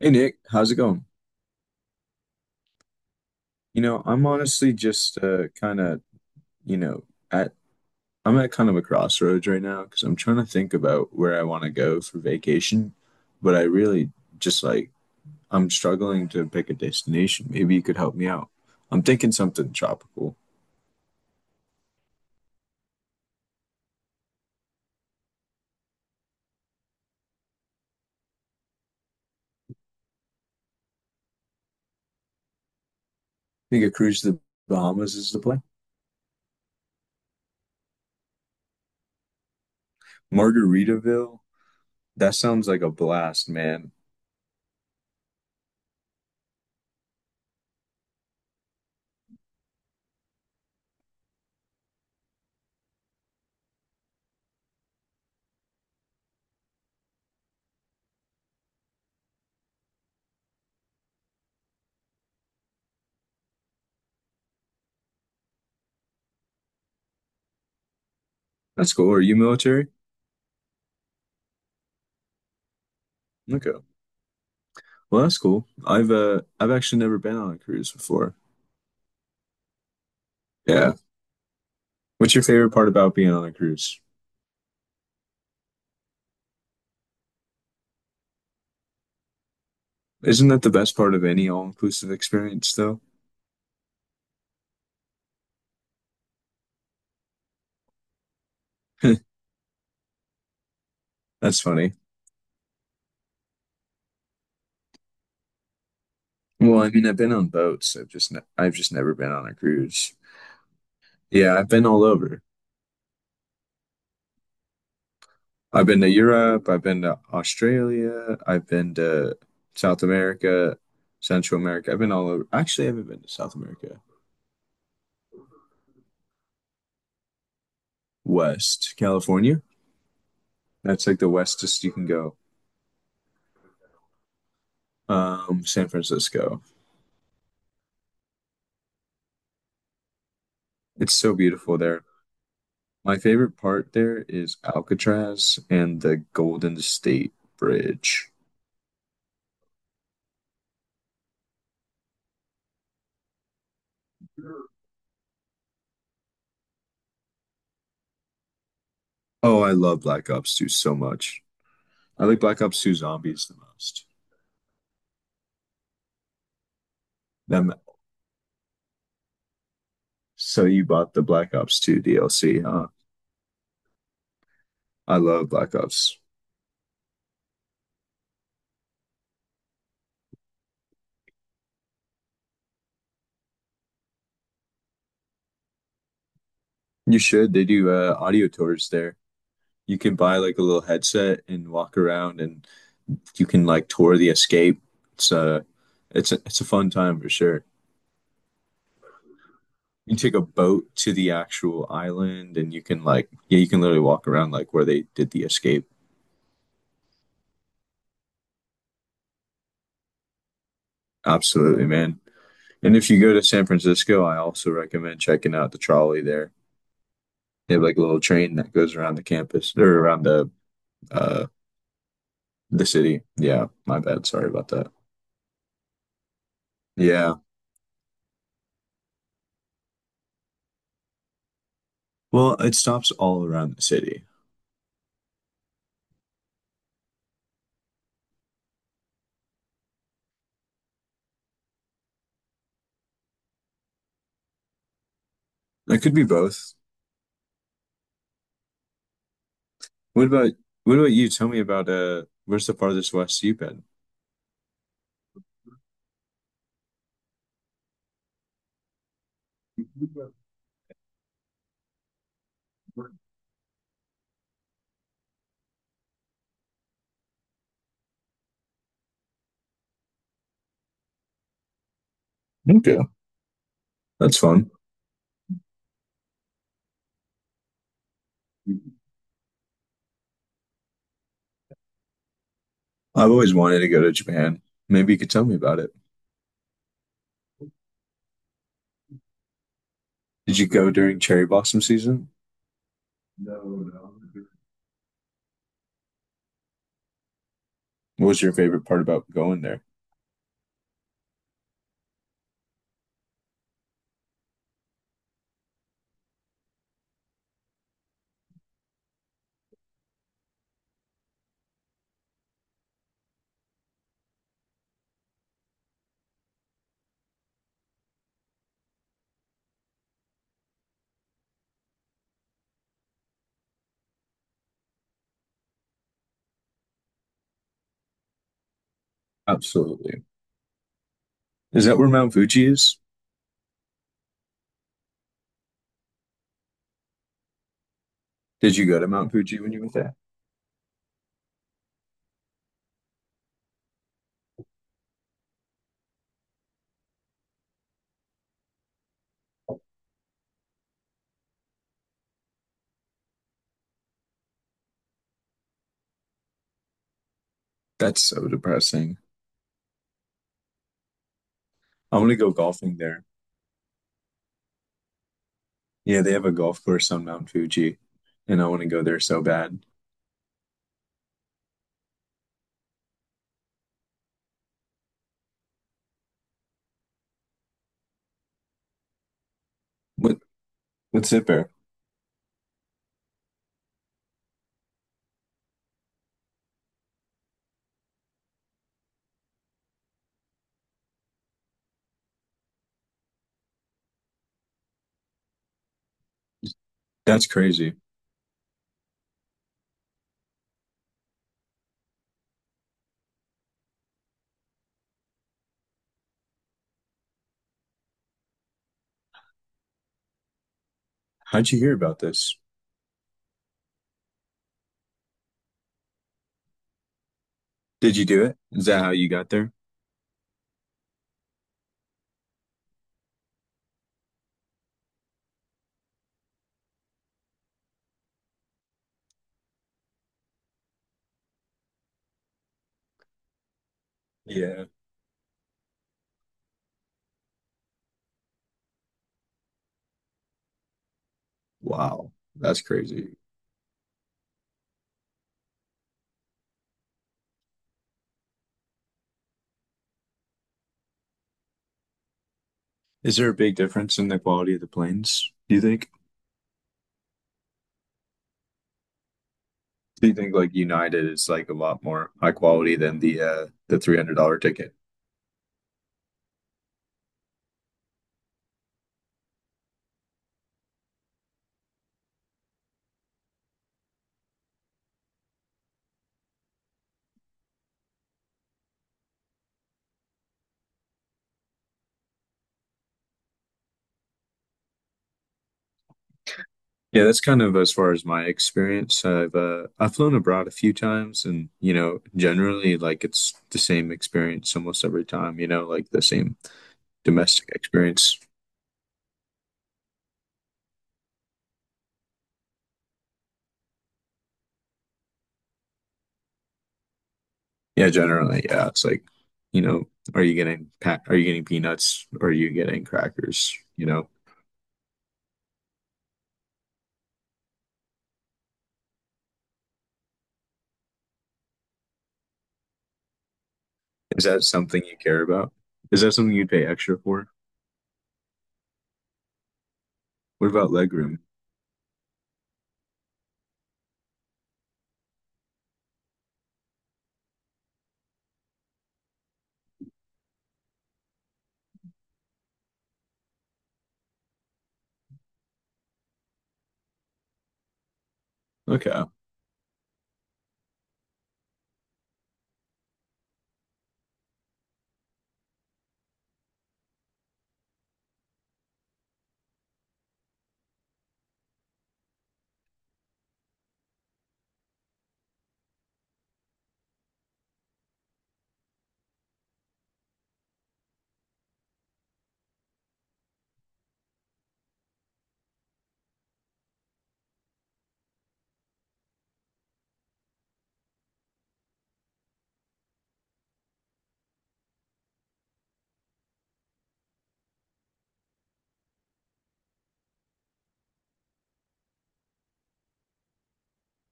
Hey Nick, how's it going? You know, I'm honestly just kind of, you know, at I'm at kind of a crossroads right now because I'm trying to think about where I want to go for vacation, but I really just like I'm struggling to pick a destination. Maybe you could help me out. I'm thinking something tropical. I think a cruise to the Bahamas is the plan. Margaritaville, that sounds like a blast, man. That's cool. Are you military? Okay. Well, that's cool. I've actually never been on a cruise before. Yeah. What's your favorite part about being on a cruise? Isn't that the best part of any all-inclusive experience, though? That's funny. Well, I mean, I've been on boats. I've just never been on a cruise. Yeah, I've been all over. I've been to Europe. I've been to Australia. I've been to South America, Central America. I've been all over. Actually, I haven't been to South America. West California. That's like the westest you can go. San Francisco. It's so beautiful there. My favorite part there is Alcatraz and the Golden State Bridge. Oh, I love Black Ops 2 so much. I like Black Ops 2 Zombies the most. Them, so you bought the Black Ops 2 DLC, huh? I love Black Ops. You should. They do audio tours there. You can buy like a little headset and walk around, and you can like tour the escape. It's a it's a fun time for sure. You take a boat to the actual island, and you can like yeah, you can literally walk around like where they did the escape. Absolutely, man. And if you go to San Francisco, I also recommend checking out the trolley there. They have like a little train that goes around the campus or around uh the city. Yeah, my bad. Sorry about that. Yeah. Well, it stops all around the city. It could be both. What about what about you? Tell me about where's the farthest west you've been? Okay, that's fun. I've always wanted to go to Japan. Maybe you could tell me about it. Did you go during cherry blossom season? What was your favorite part about going there? Absolutely. Is that where Mount Fuji is? Did you go to Mount Fuji when you went there? That's so depressing. I want to go golfing there. Yeah, they have a golf course on Mount Fuji, and I want to go there so bad. What what's it there? That's crazy. How'd you hear about this? Did you do it? Is that how you got there? Yeah. Wow. That's crazy. Is there a big difference in the quality of the planes, do you think? Do you think like United is like a lot more high quality than the $300 ticket? Yeah, that's kind of as far as my experience. I've flown abroad a few times, and you know, generally, like it's the same experience almost every time. You know, like the same domestic experience. Yeah, generally, yeah. It's like, you know, are you getting peanuts? Or are you getting crackers? You know, is that something you care about? Is that something you'd pay extra for? What about legroom? Okay,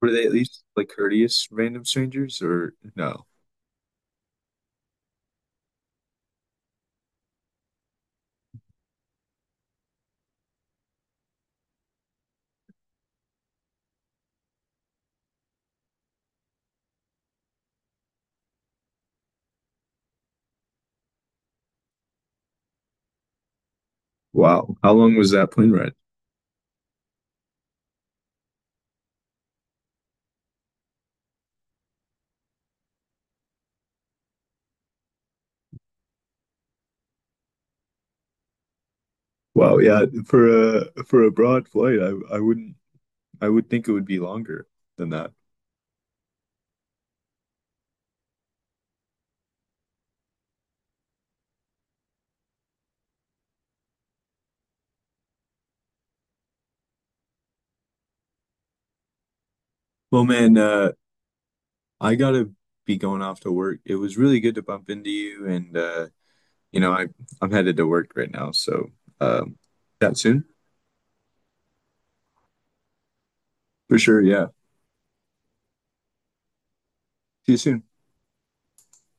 were they at least like courteous random strangers or no? Wow, how long was that plane ride? Wow, yeah, for a broad flight, I wouldn't I would think it would be longer than that. Well, man, I gotta be going off to work. It was really good to bump into you, and you know, I'm headed to work right now, so um, chat soon for sure. Yeah, see you soon.